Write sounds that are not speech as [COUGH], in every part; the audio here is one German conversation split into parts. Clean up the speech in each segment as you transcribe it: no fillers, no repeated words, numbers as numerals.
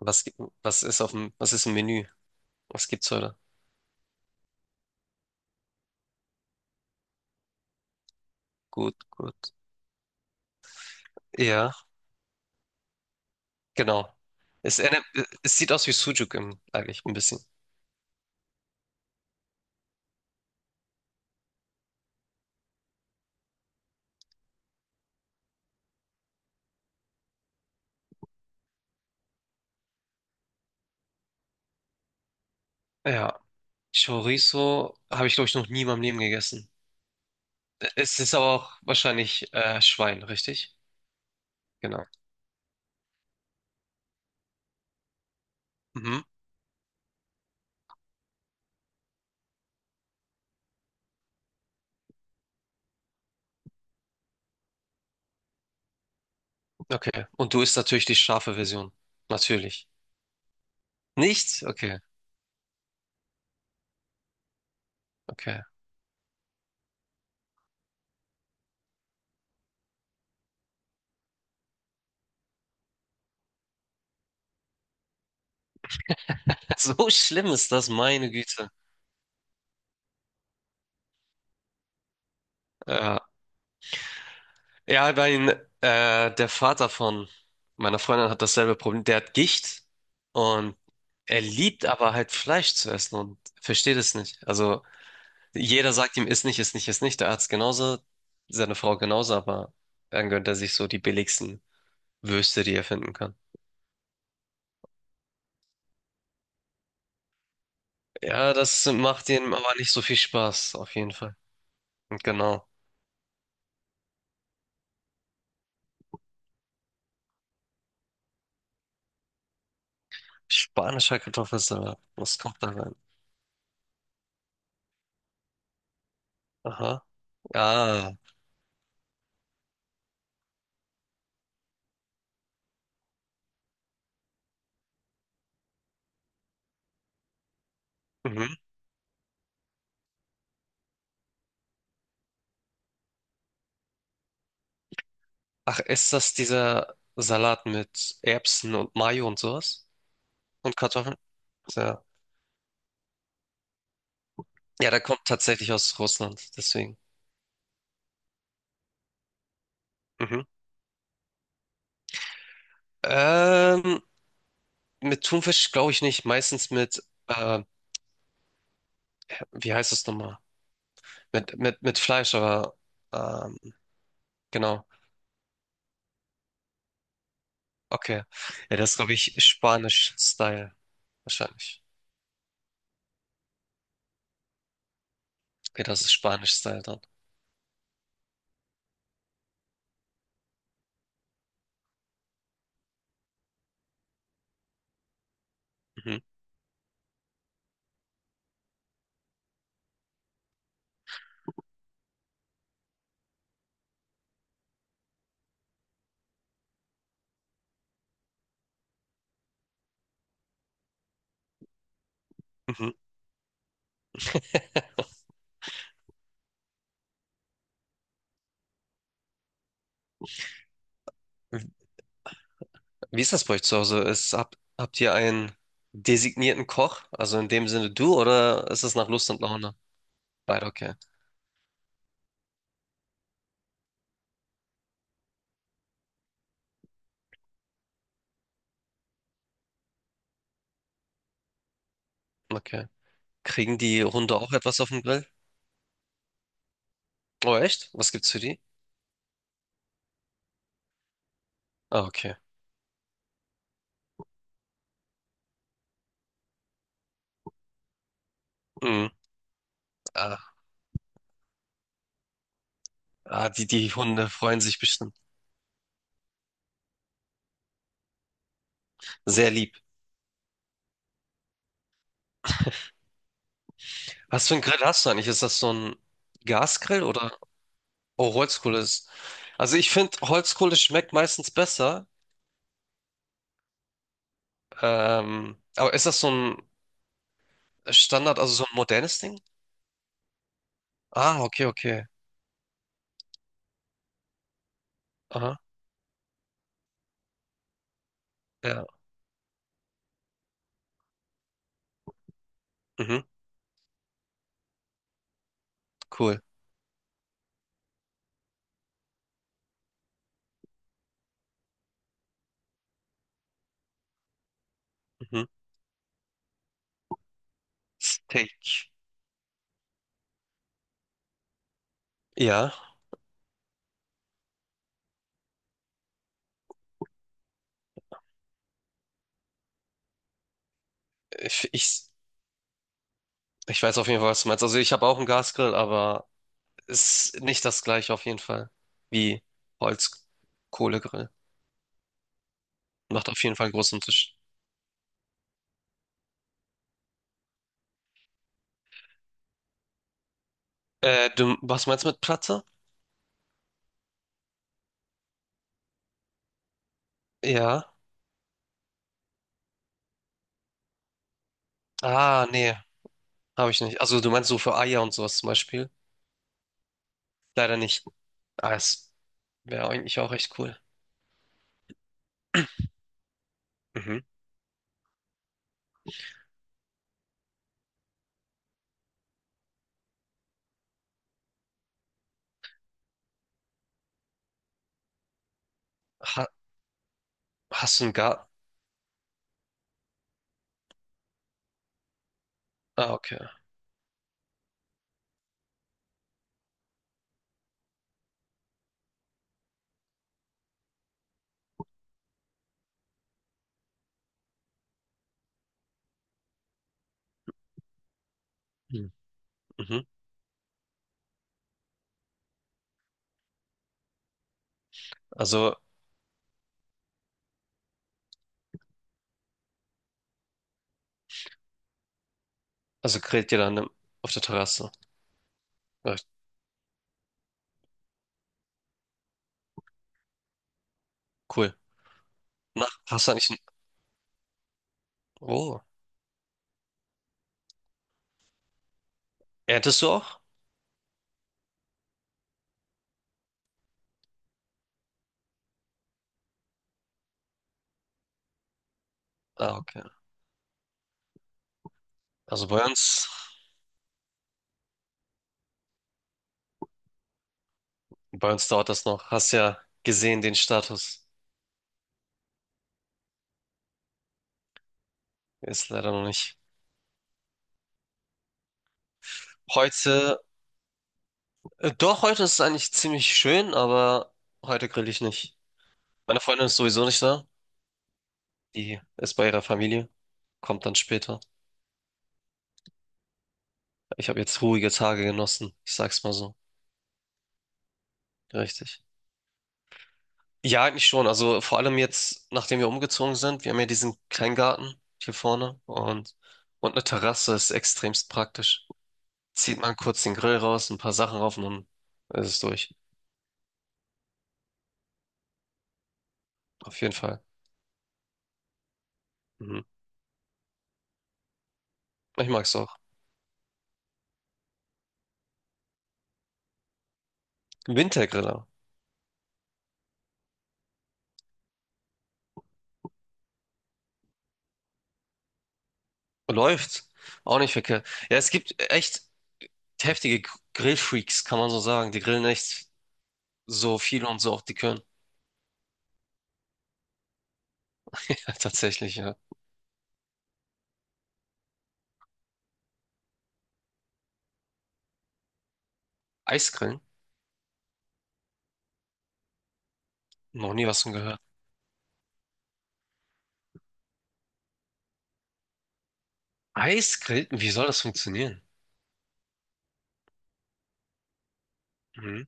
Was gibt, was ist auf dem, was ist im Menü? Was gibt's heute? Gut, gut. Ja, genau. Es, erinnert- Es sieht aus wie Sucuk im, eigentlich ein bisschen. Ja. Chorizo habe ich, glaube ich, noch nie in meinem Leben gegessen. Es ist aber auch wahrscheinlich Schwein, richtig? Genau. Mhm. Okay. Und du isst natürlich die scharfe Version. Natürlich. Nicht? Okay, okay. [LAUGHS] So schlimm ist das, meine Güte. Ja. Ja, der Vater von meiner Freundin hat dasselbe Problem. Der hat Gicht und er liebt aber halt Fleisch zu essen und versteht es nicht. Also jeder sagt ihm, iss nicht, iss nicht, iss nicht. Der Arzt genauso, seine Frau genauso, aber dann gönnt er sich so die billigsten Würste, die er finden kann. Ja, das macht ihm aber nicht so viel Spaß, auf jeden Fall. Und genau. Spanischer Kartoffelsalat. Was kommt da rein? Aha. Ah. Mhm. Ach, ist das dieser Salat mit Erbsen und Mayo und sowas? Und Kartoffeln? Ja. Ja, der kommt tatsächlich aus Russland, deswegen. Mhm. Ähm, mit Thunfisch glaube ich nicht. Meistens mit, äh, wie heißt das nochmal? Mit Fleisch, aber ähm, genau. Okay. Ja, das ist, glaube ich, Spanisch-Style wahrscheinlich. Okay, das ist Spanisch-Style dann. Mhm. Mhm. Wie ist das bei euch zu Hause? Ist, habt ihr einen designierten Koch? Also in dem Sinne du oder ist es nach Lust und Laune? Beide, okay. Okay. Kriegen die Hunde auch etwas auf dem Grill? Oh, echt? Was gibt's für die? Ah, okay. Mhm. Ah, ah, die Hunde freuen sich bestimmt. Sehr lieb. Was für einen Grill hast du eigentlich? Ist das so ein Gasgrill oder? Oh, Holzkohle ist. Also ich finde, Holzkohle schmeckt meistens besser. Aber ist das so ein Standard, also so ein modernes Ding? Ah, okay, okay. Aha, ja. Mhm, cool. Mhm. Steak. Ja, ich, ich, ich weiß auf jeden Fall, was du meinst. Also ich habe auch einen Gasgrill, aber ist nicht das gleiche auf jeden Fall wie Holzkohlegrill. Macht auf jeden Fall einen großen Unterschied. Du, was meinst du mit Platte? Ja. Ah, nee, habe ich nicht. Also du meinst so für Eier und sowas zum Beispiel? Leider nicht. Ah, es wäre eigentlich auch echt cool. Mhm. Ha, hast du einen Garten? Ah, okay. Mhm. Mhm. Also, also grillt ihr dann auf der Terrasse. Ja, cool. Na, hast du eigentlich ein... Oh, erntest du auch? Ah, okay. Also bei uns, bei uns dauert das noch. Hast ja gesehen, den Status. Ist leider noch nicht. Heute, doch, heute ist es eigentlich ziemlich schön, aber heute grill ich nicht. Meine Freundin ist sowieso nicht da. Die ist bei ihrer Familie. Kommt dann später. Ich habe jetzt ruhige Tage genossen. Ich sag's mal so. Richtig. Ja, eigentlich schon. Also vor allem jetzt, nachdem wir umgezogen sind, wir haben ja diesen Kleingarten hier vorne und eine Terrasse ist extremst praktisch. Zieht man kurz den Grill raus, ein paar Sachen rauf und dann ist es durch. Auf jeden Fall. Mhm. Ich mag's auch. Wintergriller. Läuft. Auch nicht verkehrt. Ja, es gibt echt heftige Grillfreaks, kann man so sagen. Die grillen echt so viel und so auch die können. [LAUGHS] Ja, tatsächlich, ja. Eisgrillen? Noch nie was von gehört. Eisgrillen? Wie soll das funktionieren? Mhm.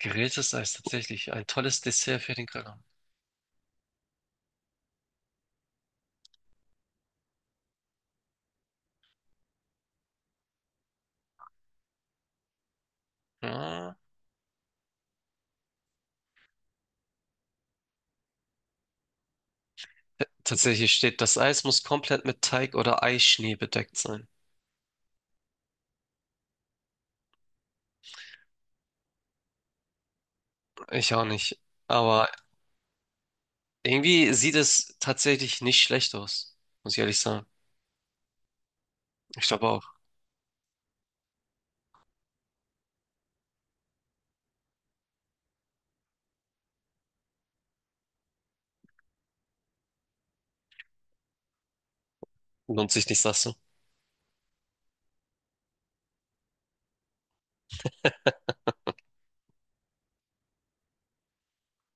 Gegrilltes Eis, tatsächlich. Ein tolles Dessert für den Grillabend. Ja. Tatsächlich steht, das Eis muss komplett mit Teig oder Eischnee bedeckt sein. Ich auch nicht. Aber irgendwie sieht es tatsächlich nicht schlecht aus. Muss ich ehrlich sagen. Ich glaube auch. Lohnt sich nicht, sagst du?